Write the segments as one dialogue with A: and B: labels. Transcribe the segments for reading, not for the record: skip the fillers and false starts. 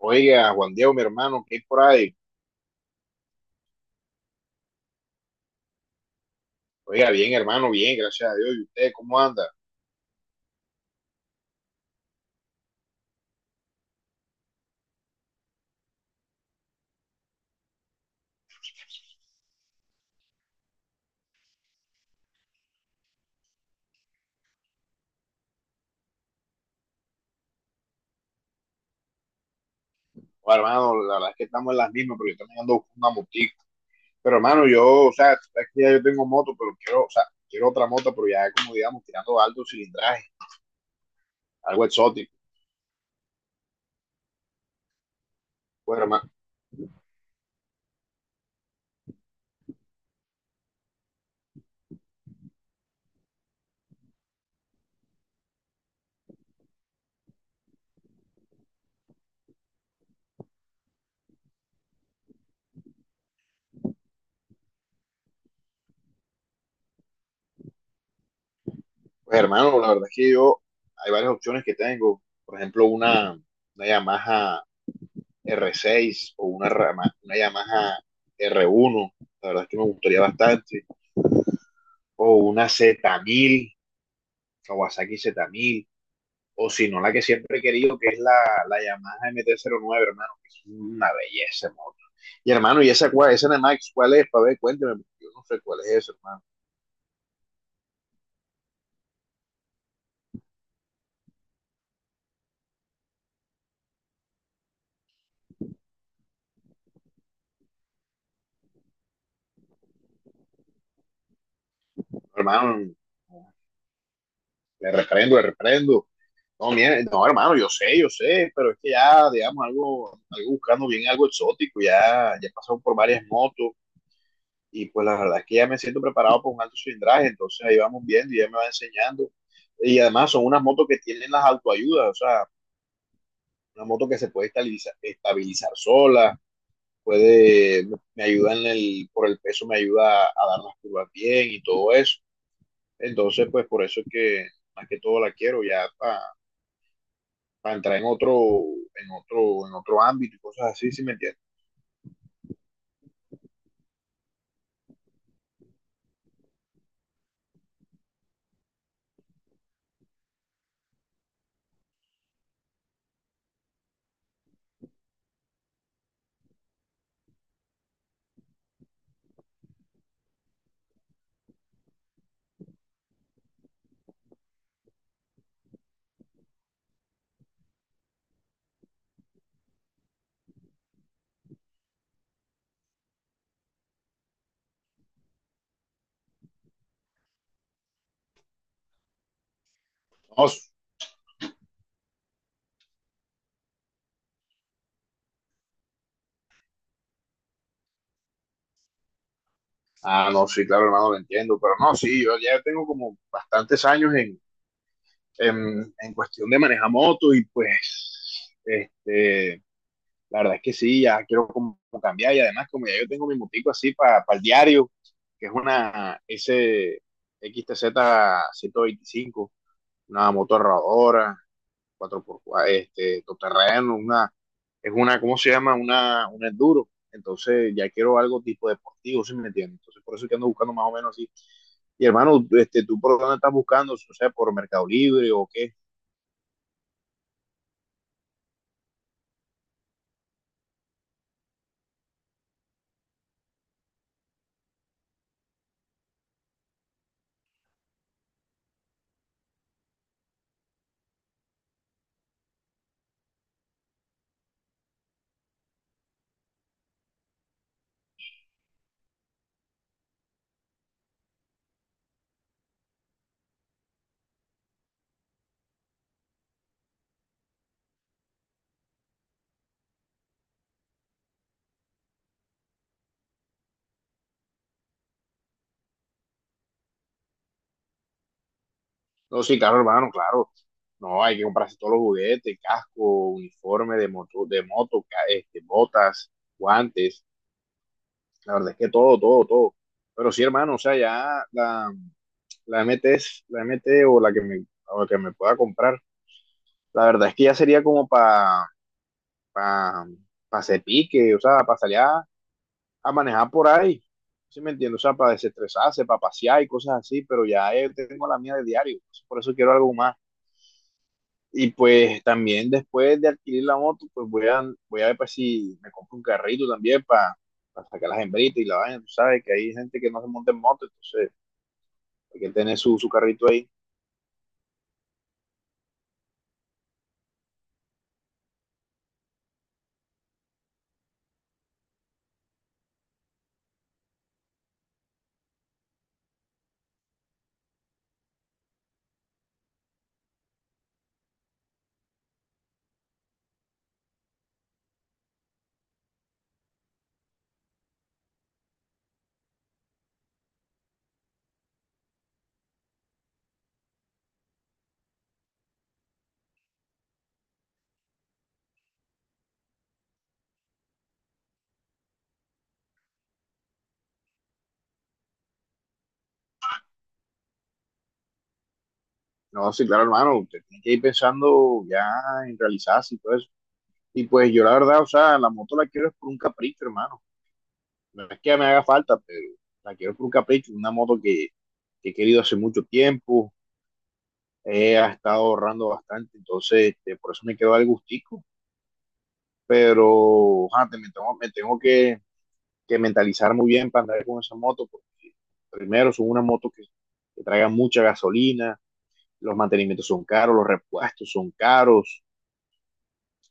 A: Oiga, Juan Diego, mi hermano, ¿qué hay por ahí? Oiga, bien, hermano, bien, gracias a Dios. ¿Y usted cómo anda? Bueno, hermano, la verdad es que estamos en las mismas, pero yo también ando buscando una motica. Pero, hermano, yo, o sea, tú sabes que ya yo tengo moto, pero quiero, o sea, quiero otra moto, pero ya como, digamos, tirando alto cilindraje, algo exótico. Pues, hermano, pues, hermano, la verdad es que yo, hay varias opciones que tengo. Por ejemplo, una Yamaha r seis o una, una Yamaha r uno, la verdad es que me gustaría bastante. O una z mil, Kawasaki z mil, o si no, la que siempre he querido, que es la Yamaha mt nueve, hermano, que es una belleza, hermano. Y hermano, ¿y esa, cuál, esa Nemax cuál es? Para ver, cuénteme, yo no sé cuál es eso, hermano. Hermano, le reprendo, le reprendo. No, mire, no, hermano, yo sé, pero es que ya, digamos, algo, algo buscando bien algo exótico, ya, ya he pasado por varias motos y pues la verdad es que ya me siento preparado para un alto cilindraje, entonces ahí vamos viendo y ya me va enseñando. Y además son unas motos que tienen las autoayudas, o sea, una moto que se puede estabilizar, estabilizar sola, puede, me ayuda en el, por el peso, me ayuda a dar las curvas bien y todo eso. Entonces, pues por eso es que más que todo la quiero ya para pa entrar en otro, en otro, en otro ámbito y cosas así, si ¿sí me entiendes? No, ah, no, sí, claro, hermano, lo entiendo, pero no, sí, yo ya tengo como bastantes años en cuestión de manejar motos y pues, este, la verdad es que sí, ya quiero como cambiar y además como ya yo tengo mi motico así para el diario, que es una S X T Z ciento veinticinco, una moto rodadora, cuatro por 4 este, todoterreno, una, es una, ¿cómo se llama? Una, un enduro. Entonces ya quiero algo tipo deportivo, si me entiendes. Entonces por eso es que ando buscando más o menos así. Y hermano, este, ¿tú por dónde estás buscando? O sea, ¿por Mercado Libre o qué? No, sí, claro, hermano, claro. No, hay que comprarse todos los juguetes, casco, uniforme de moto, este, botas, guantes. La verdad es que todo, todo, todo. Pero sí, hermano, o sea, ya la, la MT la M T o la que me, o la que me pueda comprar. La verdad es que ya sería como para pa, pa pa hacer pique, o sea, para salir a manejar por ahí. ¿Sí me entiendes? O sea, para desestresarse, para pasear y cosas así, pero ya tengo la mía de diario. Pues, por eso quiero algo más. Y pues también después de adquirir la moto, pues voy a, voy a ver pues, si me compro un carrito también para sacar las hembritas y la vaina. Tú sabes que hay gente que no se monta en moto, entonces hay que tener su, su carrito ahí. No, sí, claro, hermano, usted tiene que ir pensando ya en realizarse y todo eso. Y pues yo la verdad, o sea, la moto la quiero es por un capricho, hermano. No es que me haga falta, pero la quiero por un capricho, una moto que he querido hace mucho tiempo, he estado ahorrando bastante, entonces este, por eso me quedó el gustico. Pero ah, me tengo que, mentalizar muy bien para andar con esa moto, porque primero son una moto que traiga mucha gasolina, los mantenimientos son caros, los repuestos son caros,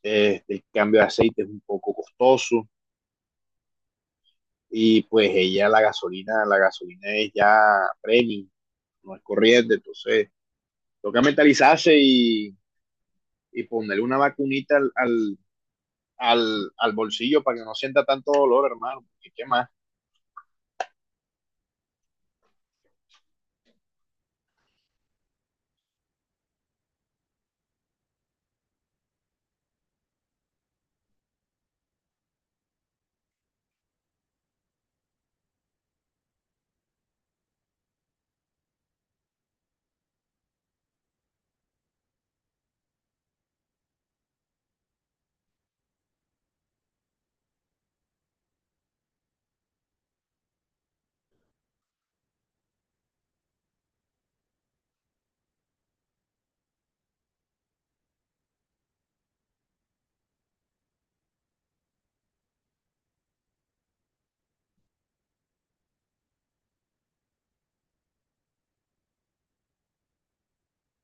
A: el cambio de aceite es un poco costoso y pues ella la gasolina es ya premium, no es corriente, entonces toca mentalizarse y ponerle una vacunita al, al, al, al bolsillo para que no sienta tanto dolor, hermano, ¿y qué más?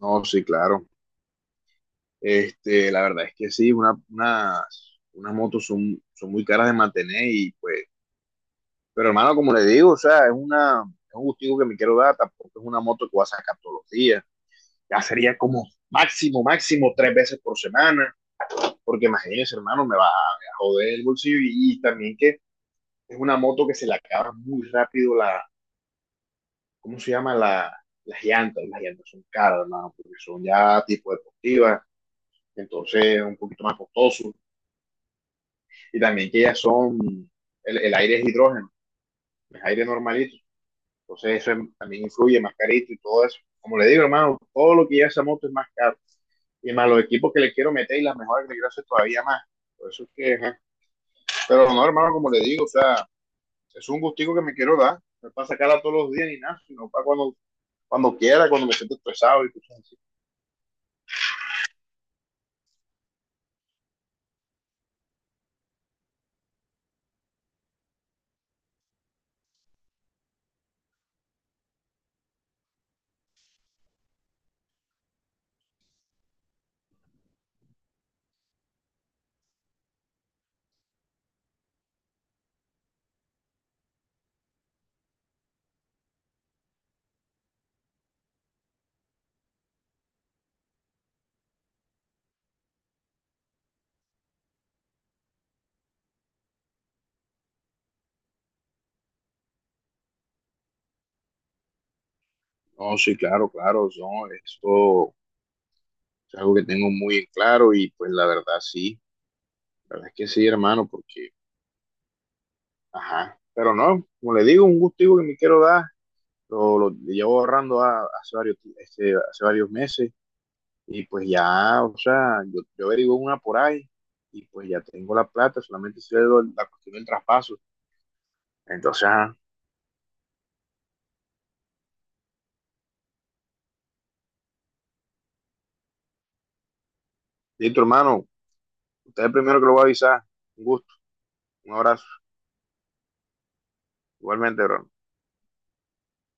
A: No, sí, claro. Este, la verdad es que sí, una, unas, unas motos son, son muy caras de mantener y pues, pero hermano, como le digo, o sea, es una, es un gustico que me quiero dar, tampoco es una moto que voy a sacar todos los días, ya sería como máximo, máximo 3 veces por semana, porque imagínense, hermano, me va a joder el bolsillo y también que es una moto que se le acaba muy rápido la, ¿cómo se llama? La, las llantas son caras, hermano, porque son ya tipo deportivas, entonces es un poquito más costoso y también que ellas son, el aire es hidrógeno, es aire normalito, entonces eso es- también influye, más carito y todo eso. Como le digo, hermano, todo lo que lleva esa moto es más caro, y más los equipos que le quiero meter y las mejoras que le quiero hacer todavía más, por eso es que, ajá. Pero no, hermano, como le digo, o sea, es un gustico que me quiero dar, no es para sacarla todos los días ni nada, sino para cuando, cuando quiera, cuando me siento estresado y cosas así. No, sí, claro, claro, no, esto es algo que tengo muy en claro y pues la verdad sí, la verdad es que sí, hermano, porque ajá, pero no, como le digo, un gustico que me quiero dar, lo llevo ahorrando hace varios, este, hace varios meses y pues ya, o sea, yo averiguo una por ahí y pues ya tengo la plata, solamente sé la cuestión del traspaso. Entonces, ajá, listo, hermano, usted es el primero que lo va a avisar. Un gusto, un abrazo, igualmente, bro.